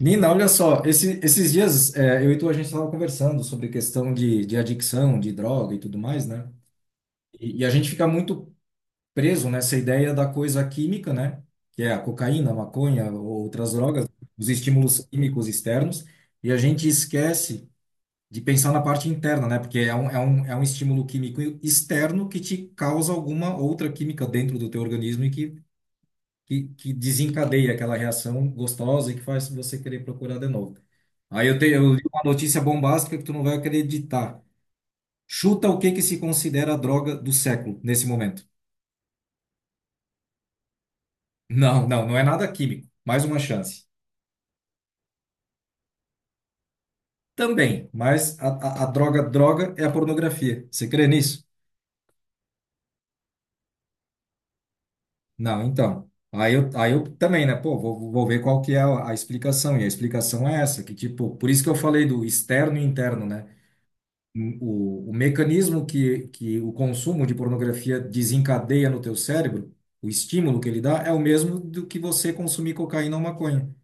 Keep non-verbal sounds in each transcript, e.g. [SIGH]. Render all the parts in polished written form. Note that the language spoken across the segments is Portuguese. Nina, olha só, esses dias eu e tu, a gente estava conversando sobre questão de adicção, de droga e tudo mais, né? E a gente fica muito preso nessa ideia da coisa química, né? Que é a cocaína, a maconha, ou outras drogas, os estímulos químicos externos, e a gente esquece de pensar na parte interna, né? Porque é um estímulo químico externo que te causa alguma outra química dentro do teu organismo e que desencadeia aquela reação gostosa e que faz você querer procurar de novo. Aí eu li uma notícia bombástica que tu não vai acreditar. Chuta o que que se considera a droga do século nesse momento. Não, não, não é nada químico. Mais uma chance. Também, mas a droga droga é a pornografia. Você crê nisso? Não, então. Aí eu também, né? Pô, vou ver qual que é a explicação. E a explicação é essa, que tipo, por isso que eu falei do externo e interno, né? O mecanismo que o consumo de pornografia desencadeia no teu cérebro, o estímulo que ele dá, é o mesmo do que você consumir cocaína ou maconha.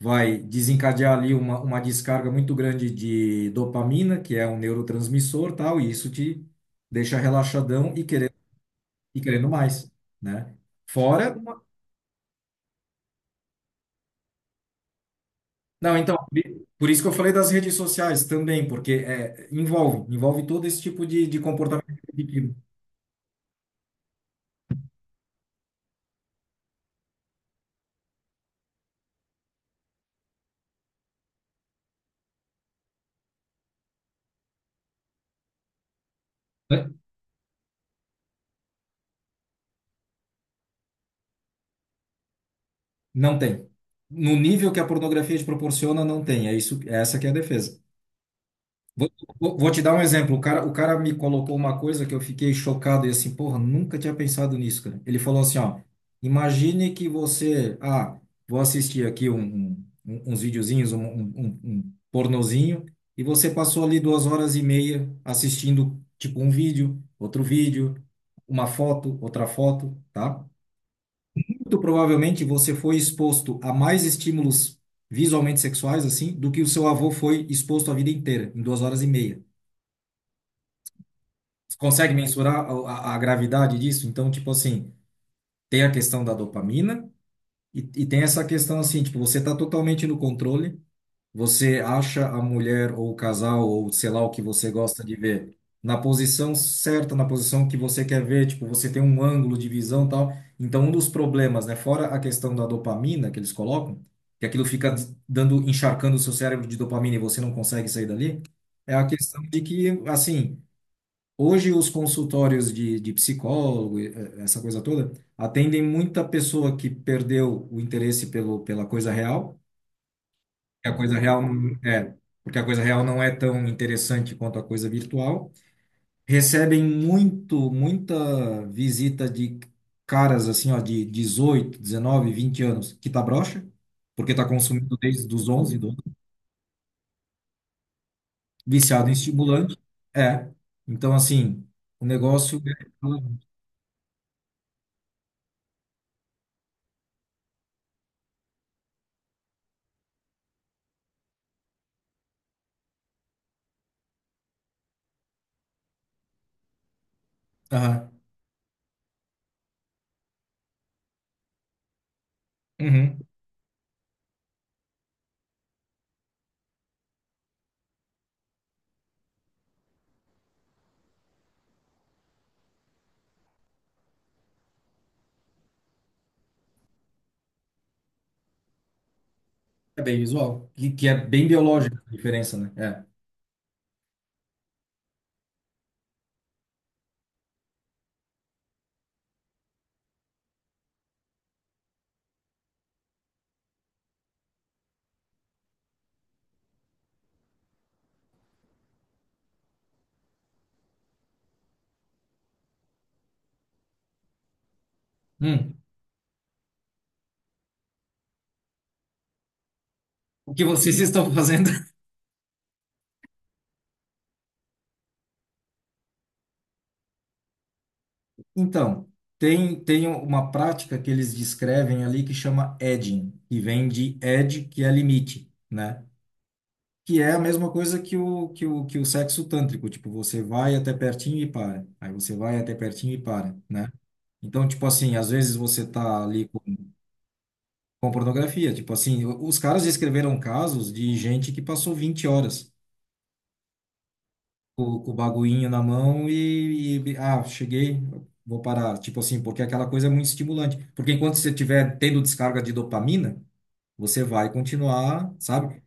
Vai desencadear ali uma descarga muito grande de dopamina, que é um neurotransmissor, tal, e isso te deixa relaxadão e querendo mais, né? Fora uma... Não, então, por isso que eu falei das redes sociais também, porque envolve todo esse tipo de comportamento repetido. Não tem. No nível que a pornografia te proporciona, não tem. É isso, é essa que é a defesa. Vou, vou te dar um exemplo. O cara me colocou uma coisa que eu fiquei chocado e assim, porra, nunca tinha pensado nisso, cara. Ele falou assim, ó, imagine que você, vou assistir aqui uns videozinhos, um pornozinho, e você passou ali 2h30 assistindo, tipo, um vídeo, outro vídeo, uma foto, outra foto, tá? Muito provavelmente você foi exposto a mais estímulos visualmente sexuais, assim, do que o seu avô foi exposto a vida inteira, em 2h30. Você consegue mensurar a gravidade disso? Então, tipo assim, tem a questão da dopamina e tem essa questão, assim, tipo, você está totalmente no controle. Você acha a mulher ou o casal ou sei lá o que você gosta de ver na posição certa, na posição que você quer ver, tipo, você tem um ângulo de visão, e tal. Então, um dos problemas, né, fora a questão da dopamina que eles colocam, que aquilo fica dando, encharcando o seu cérebro de dopamina e você não consegue sair dali, é a questão de que, assim, hoje os consultórios de psicólogo, essa coisa toda, atendem muita pessoa que perdeu o interesse pela coisa real. Porque a coisa real não é tão interessante quanto a coisa virtual. Recebem muita visita de caras assim, ó, de 18, 19, 20 anos, que tá broxa, porque tá consumindo desde os 11 12, viciado em estimulante. É. Então, assim, o negócio é, Aham. Uhum. É bem visual, que é bem biológica a diferença, né? É. Hum. O que vocês estão fazendo? Então, tem uma prática que eles descrevem ali que chama edging, que vem de edge, que é limite, né? Que é a mesma coisa que o sexo tântrico, tipo, você vai até pertinho e para, aí você vai até pertinho e para, né? Então, tipo assim, às vezes você tá ali com pornografia, tipo assim, os caras escreveram casos de gente que passou 20 horas com o baguinho na mão cheguei, vou parar. Tipo assim, porque aquela coisa é muito estimulante. Porque enquanto você estiver tendo descarga de dopamina, você vai continuar, sabe?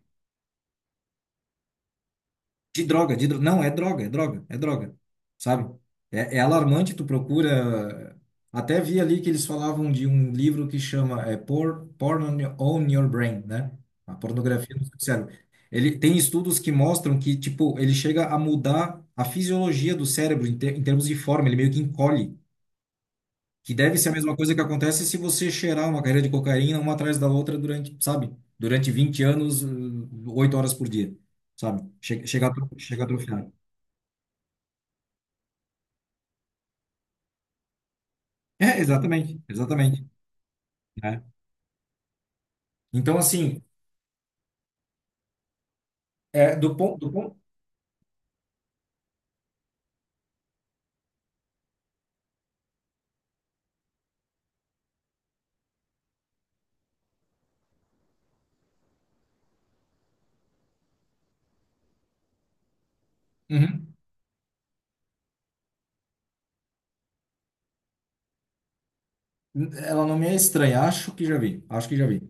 De droga, de droga. Não, é droga, é droga, é droga. Sabe? É alarmante, tu procura. Até vi ali que eles falavam de um livro que chama Porn on Your Brain, né? A pornografia no seu cérebro. Ele tem estudos que mostram que, tipo, ele chega a mudar a fisiologia do cérebro em termos de forma, ele meio que encolhe. Que deve ser a mesma coisa que acontece se você cheirar uma carreira de cocaína uma atrás da outra durante, sabe? Durante 20 anos, 8 horas por dia, sabe? Chega a atrofiar. É, exatamente, exatamente, né? Então, assim, do ponto. Uhum. Ela não me é estranha, acho que já vi, acho que já vi.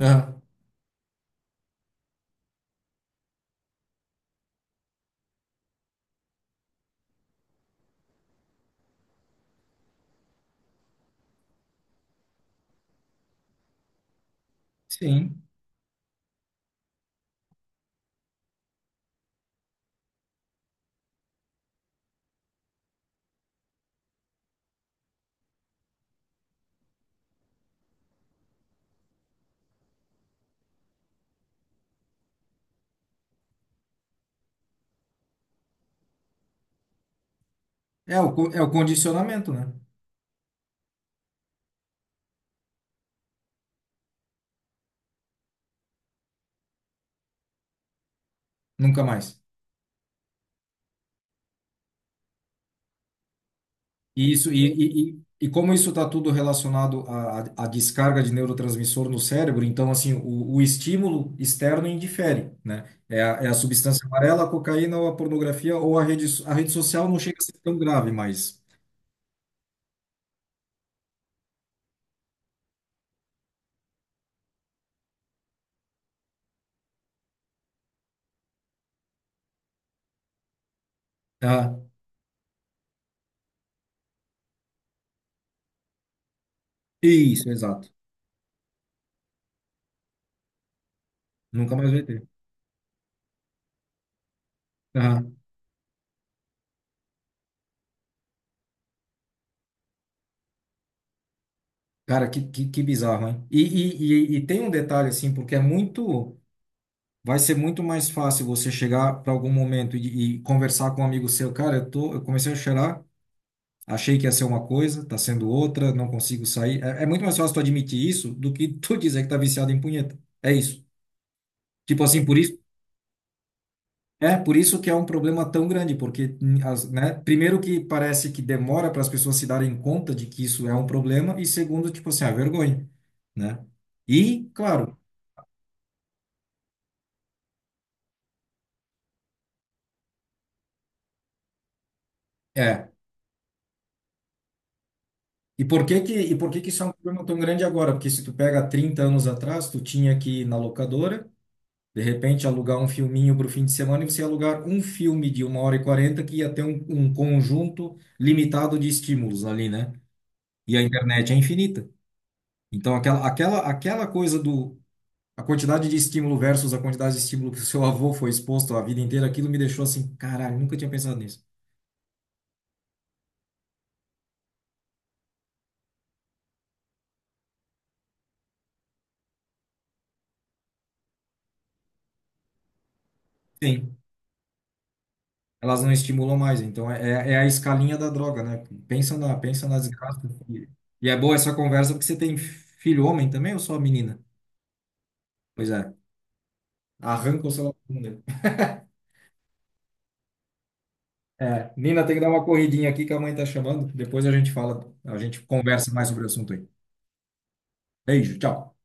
Aham. Sim, é o condicionamento, né? Nunca mais. E como isso está tudo relacionado à descarga de neurotransmissor no cérebro, então, assim, o estímulo externo indifere, né? É a substância amarela, a cocaína ou a pornografia ou a rede social não chega a ser tão grave, mas... Ah, isso, exato. Nunca mais vai ter. Aham. Cara, que bizarro, hein? E tem um detalhe, assim, porque é muito. Vai ser muito mais fácil você chegar para algum momento e conversar com um amigo seu. Cara, eu comecei a cheirar, achei que ia ser uma coisa, tá sendo outra, não consigo sair. É muito mais fácil tu admitir isso do que tu [LAUGHS] dizer que tá viciado em punheta. É isso. Tipo assim, por isso. É, por isso que é um problema tão grande, porque, primeiro que parece que demora para as pessoas se darem conta de que isso é um problema, e segundo, tipo assim, a vergonha, né? E, claro. É. E por que que isso é um problema tão grande agora? Porque se tu pega 30 anos atrás, tu tinha que ir na locadora, de repente alugar um filminho para o fim de semana e você ia alugar um filme de 1h40 que ia ter um conjunto limitado de estímulos ali, né? E a internet é infinita. Então aquela coisa do a quantidade de estímulo versus a quantidade de estímulo que o seu avô foi exposto a vida inteira, aquilo me deixou assim, caralho, nunca tinha pensado nisso. Sim. Elas não estimulam mais. Então é a escalinha da droga, né? Pensa na desgraça. E, e é boa essa conversa porque você tem filho homem também ou só menina? Pois é, arranca o celular da bunda. É, Nina, tem que dar uma corridinha aqui que a mãe tá chamando. Depois a gente fala, a gente conversa mais sobre o assunto aí. Beijo, tchau.